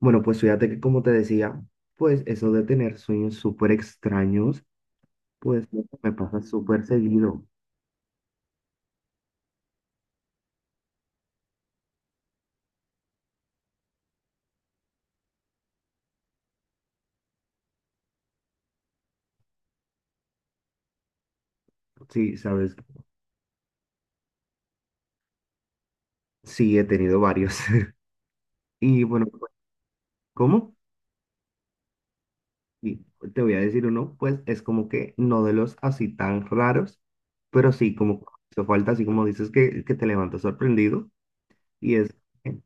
Bueno, pues fíjate que como te decía, pues eso de tener sueños súper extraños, pues me pasa súper seguido. Sí, sabes, sí, he tenido varios. Y bueno, pues, ¿cómo? Y te voy a decir uno, pues es como que no de los así tan raros, pero sí, como que hizo falta, así como dices que te levantas sorprendido. Y es, eh,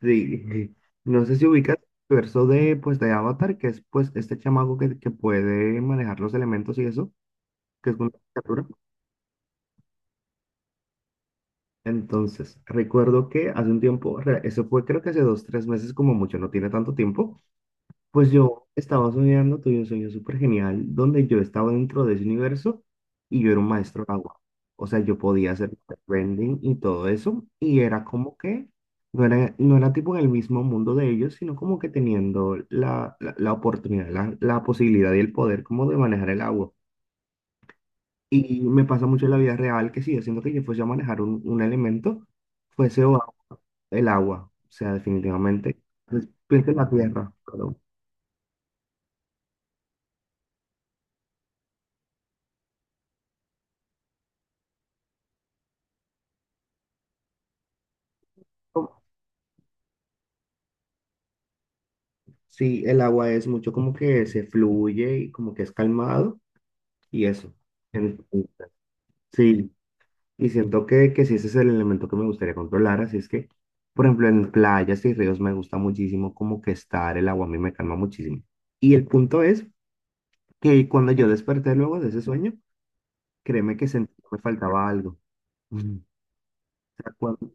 sí, no sé si ubicas el verso de, pues, de Avatar, que es pues este chamaco que puede manejar los elementos y eso, que es una criatura. Entonces, recuerdo que hace un tiempo, eso fue creo que hace dos, tres meses como mucho, no tiene tanto tiempo, pues yo estaba soñando, tuve un sueño súper genial donde yo estaba dentro de ese universo y yo era un maestro de agua. O sea, yo podía hacer bending y todo eso y era como que no era, no era tipo en el mismo mundo de ellos, sino como que teniendo la oportunidad, la posibilidad y el poder como de manejar el agua. Y me pasa mucho en la vida real que si yo siento que yo fuese a manejar un elemento, fuese o el agua, o sea, definitivamente. Entonces, piensa en la tierra, claro. Como... Sí, el agua es mucho como que se fluye y como que es calmado y eso. En... Sí, y siento que sí, ese es el elemento que me gustaría controlar, así es que, por ejemplo, en playas y ríos me gusta muchísimo como que estar, el agua a mí me calma muchísimo. Y el punto es que cuando yo desperté luego de ese sueño, créeme que sentí que me faltaba algo. O sea, cuando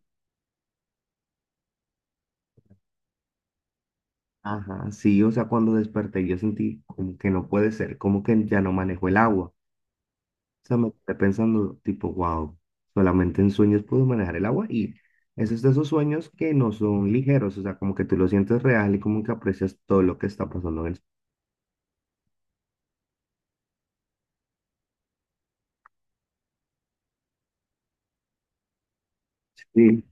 ajá, sí, o sea, cuando desperté yo sentí como que no puede ser, como que ya no manejo el agua. O sea, me quedé pensando tipo, wow, solamente en sueños puedo manejar el agua y esos de esos sueños que no son ligeros, o sea, como que tú lo sientes real y como que aprecias todo lo que está pasando en el sueño. Sí,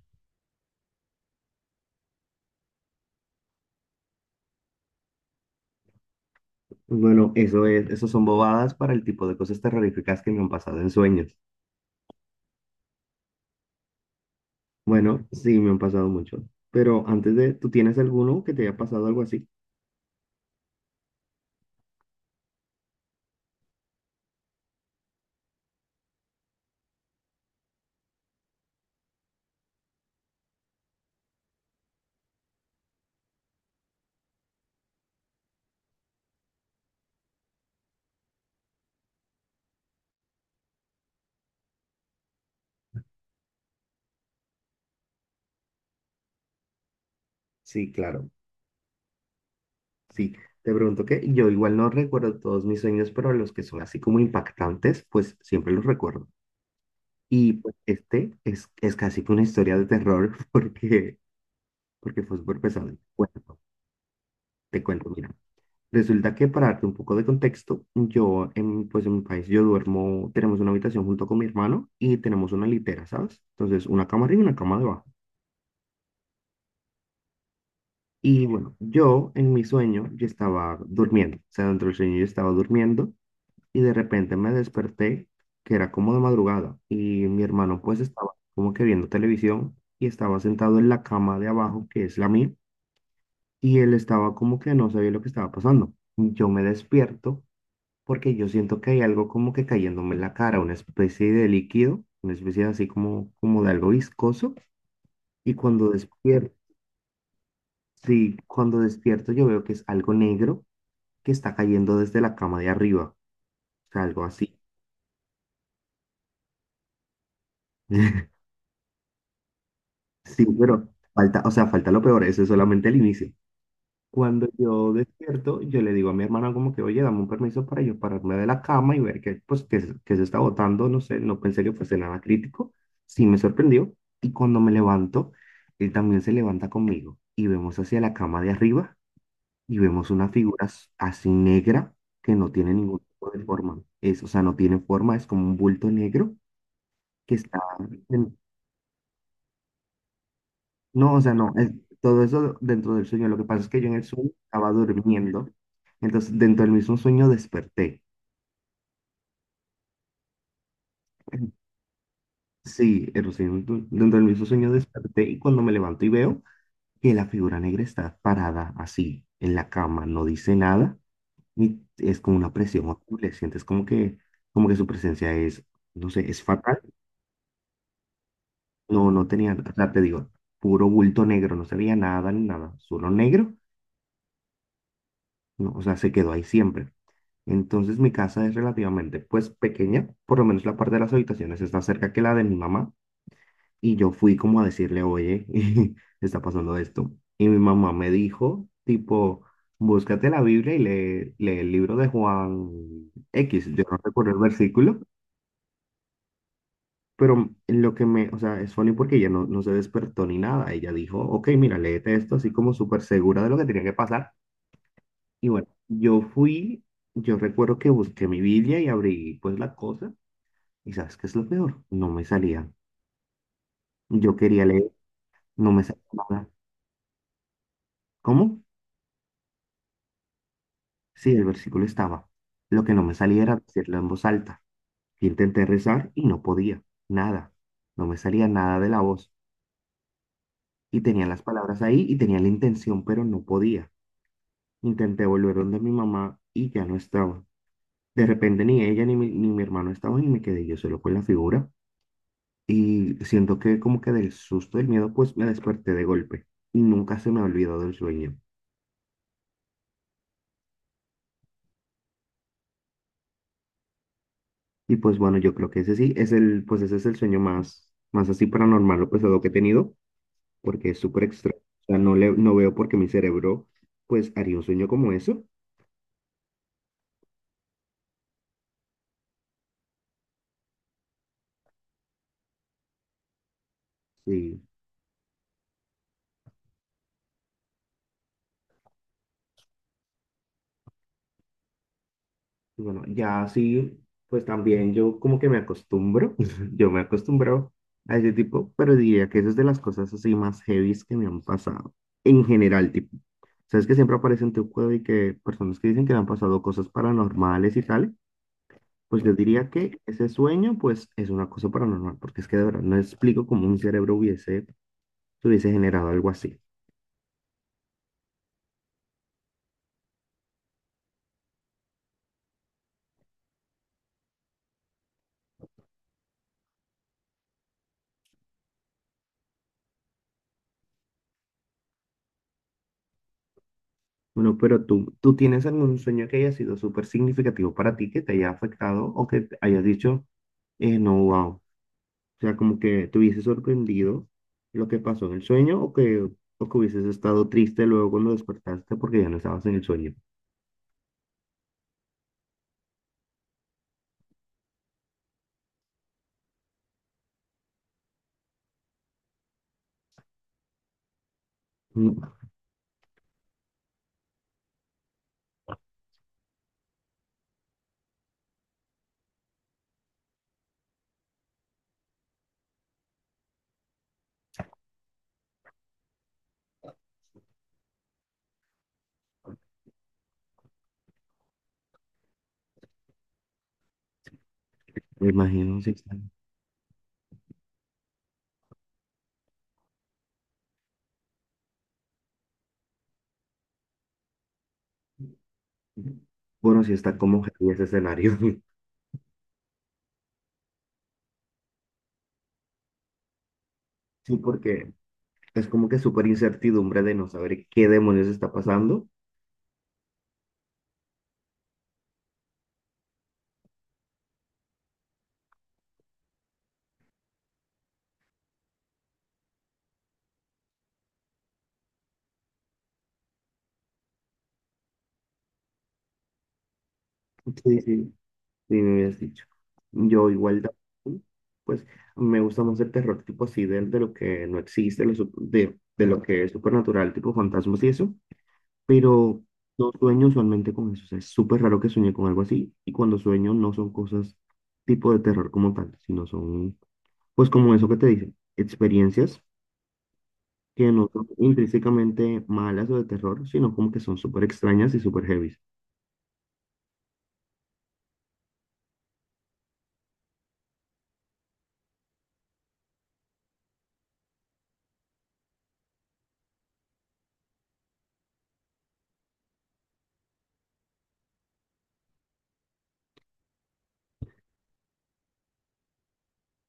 bueno, eso es, eso son bobadas para el tipo de cosas terroríficas que me han pasado en sueños. Bueno, sí, me han pasado mucho, pero antes de, ¿tú tienes alguno que te haya pasado algo así? Sí, claro. Sí, te pregunto que yo igual no recuerdo todos mis sueños, pero los que son así como impactantes, pues siempre los recuerdo. Y pues este es casi que una historia de terror porque, porque fue súper pesado. Bueno, te cuento, mira. Resulta que para darte un poco de contexto, yo en, pues en mi país yo duermo, tenemos una habitación junto con mi hermano y tenemos una litera, ¿sabes? Entonces, una cama arriba y una cama debajo. Y bueno, yo en mi sueño, yo estaba durmiendo, o sea, dentro del sueño yo estaba durmiendo y de repente me desperté, que era como de madrugada, y mi hermano pues estaba como que viendo televisión y estaba sentado en la cama de abajo, que es la mía, y él estaba como que no sabía lo que estaba pasando. Yo me despierto porque yo siento que hay algo como que cayéndome en la cara, una especie de líquido, una especie de así como, como de algo viscoso, y cuando despierto, sí, cuando despierto yo veo que es algo negro que está cayendo desde la cama de arriba, o sea, algo así. Sí, pero falta, o sea, falta lo peor, eso es solamente el inicio. Cuando yo despierto, yo le digo a mi hermana como que, oye, dame un permiso para yo pararme de la cama y ver que, pues, que se está botando, no sé, no pensé que fuese nada crítico, sí me sorprendió. Y cuando me levanto, él también se levanta conmigo y vemos hacia la cama de arriba y vemos una figura así negra que no tiene ningún tipo de forma. Es, o sea, no tiene forma, es como un bulto negro que está... No, o sea, no, todo eso dentro del sueño. Lo que pasa es que yo en el sueño estaba durmiendo, entonces dentro del mismo sueño desperté. Sí, el dentro del mismo sueño desperté y cuando me levanto y veo que la figura negra está parada así en la cama, no dice nada y es como una presión horrible. Sientes como que su presencia es, no sé, es fatal. No tenía, o sea, te digo, puro bulto negro, no se veía nada ni nada, solo negro. No, o sea, se quedó ahí siempre. Entonces mi casa es relativamente pues pequeña, por lo menos la parte de las habitaciones está cerca que la de mi mamá y yo fui como a decirle, oye, está pasando esto. Y mi mamá me dijo, tipo, búscate la Biblia y lee, lee el libro de Juan X. Yo no recuerdo el versículo, pero lo que me, o sea, es funny porque ella no se despertó ni nada. Ella dijo, ok, mira, léete esto así como súper segura de lo que tenía que pasar. Y bueno, yo fui, yo recuerdo que busqué mi Biblia y abrí pues la cosa. ¿Y sabes qué es lo peor? No me salía. Yo quería leer, no me salía nada. ¿Cómo? Sí, el versículo estaba. Lo que no me salía era decirlo en voz alta. Intenté rezar y no podía. Nada. No me salía nada de la voz. Y tenía las palabras ahí y tenía la intención, pero no podía. Intenté volver donde mi mamá y ya no estaba. De repente ni ella ni mi hermano estaban y me quedé yo solo con la figura. Y siento que como que del susto, del miedo, pues me desperté de golpe. Y nunca se me ha olvidado el sueño. Y pues bueno, yo creo que ese sí es el, pues ese es el sueño más así paranormal o pesado que he tenido, porque es súper extraño. O sea, no le, no veo por qué mi cerebro, pues, haría un sueño como eso. Sí, y bueno, ya así, pues también yo como que me acostumbro, yo me acostumbro a ese tipo, pero diría que eso es de las cosas así más heavies que me han pasado. En general, tipo, sabes que siempre aparecen en tu cueva y que personas que dicen que le han pasado cosas paranormales y tal. Pues yo diría que ese sueño, pues, es una cosa paranormal, porque es que de verdad no explico cómo un cerebro hubiese, se hubiese generado algo así. Bueno, pero tú, ¿tú tienes algún sueño que haya sido súper significativo para ti, que te haya afectado o que te hayas dicho, no, ¿wow? O sea, como que te hubiese sorprendido lo que pasó en el sueño o que hubieses estado triste luego cuando despertaste porque ya no estabas en el sueño. Mm, me imagino, sí. Está... Bueno, sí está como heavy ese escenario. Sí, porque es como que súper incertidumbre de no saber qué demonios está pasando. Sí, sí. Sí, me habías dicho. Yo igual, también, pues me gusta más el terror tipo así, de lo que no existe, lo de lo que es supernatural, tipo fantasmas y eso, pero no sueño usualmente con eso, o sea, es súper raro que sueñe con algo así, y cuando sueño no son cosas tipo de terror como tal, sino son, pues como eso que te dicen, experiencias que no son intrínsecamente malas o de terror, sino como que son súper extrañas y súper heavy.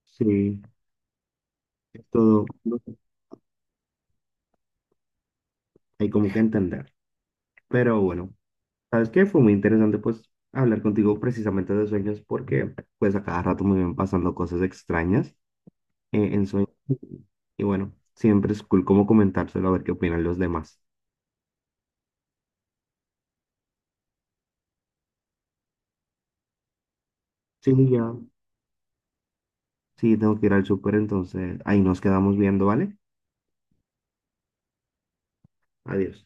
Sí, es todo no sé, hay como que entender. Pero bueno, ¿sabes qué? Fue muy interesante pues hablar contigo precisamente de sueños porque pues a cada rato me van pasando cosas extrañas en sueños. Y bueno, siempre es cool como comentárselo a ver qué opinan los demás. Sí, ya, sí, tengo que ir al súper, entonces ahí nos quedamos viendo, ¿vale? Adiós.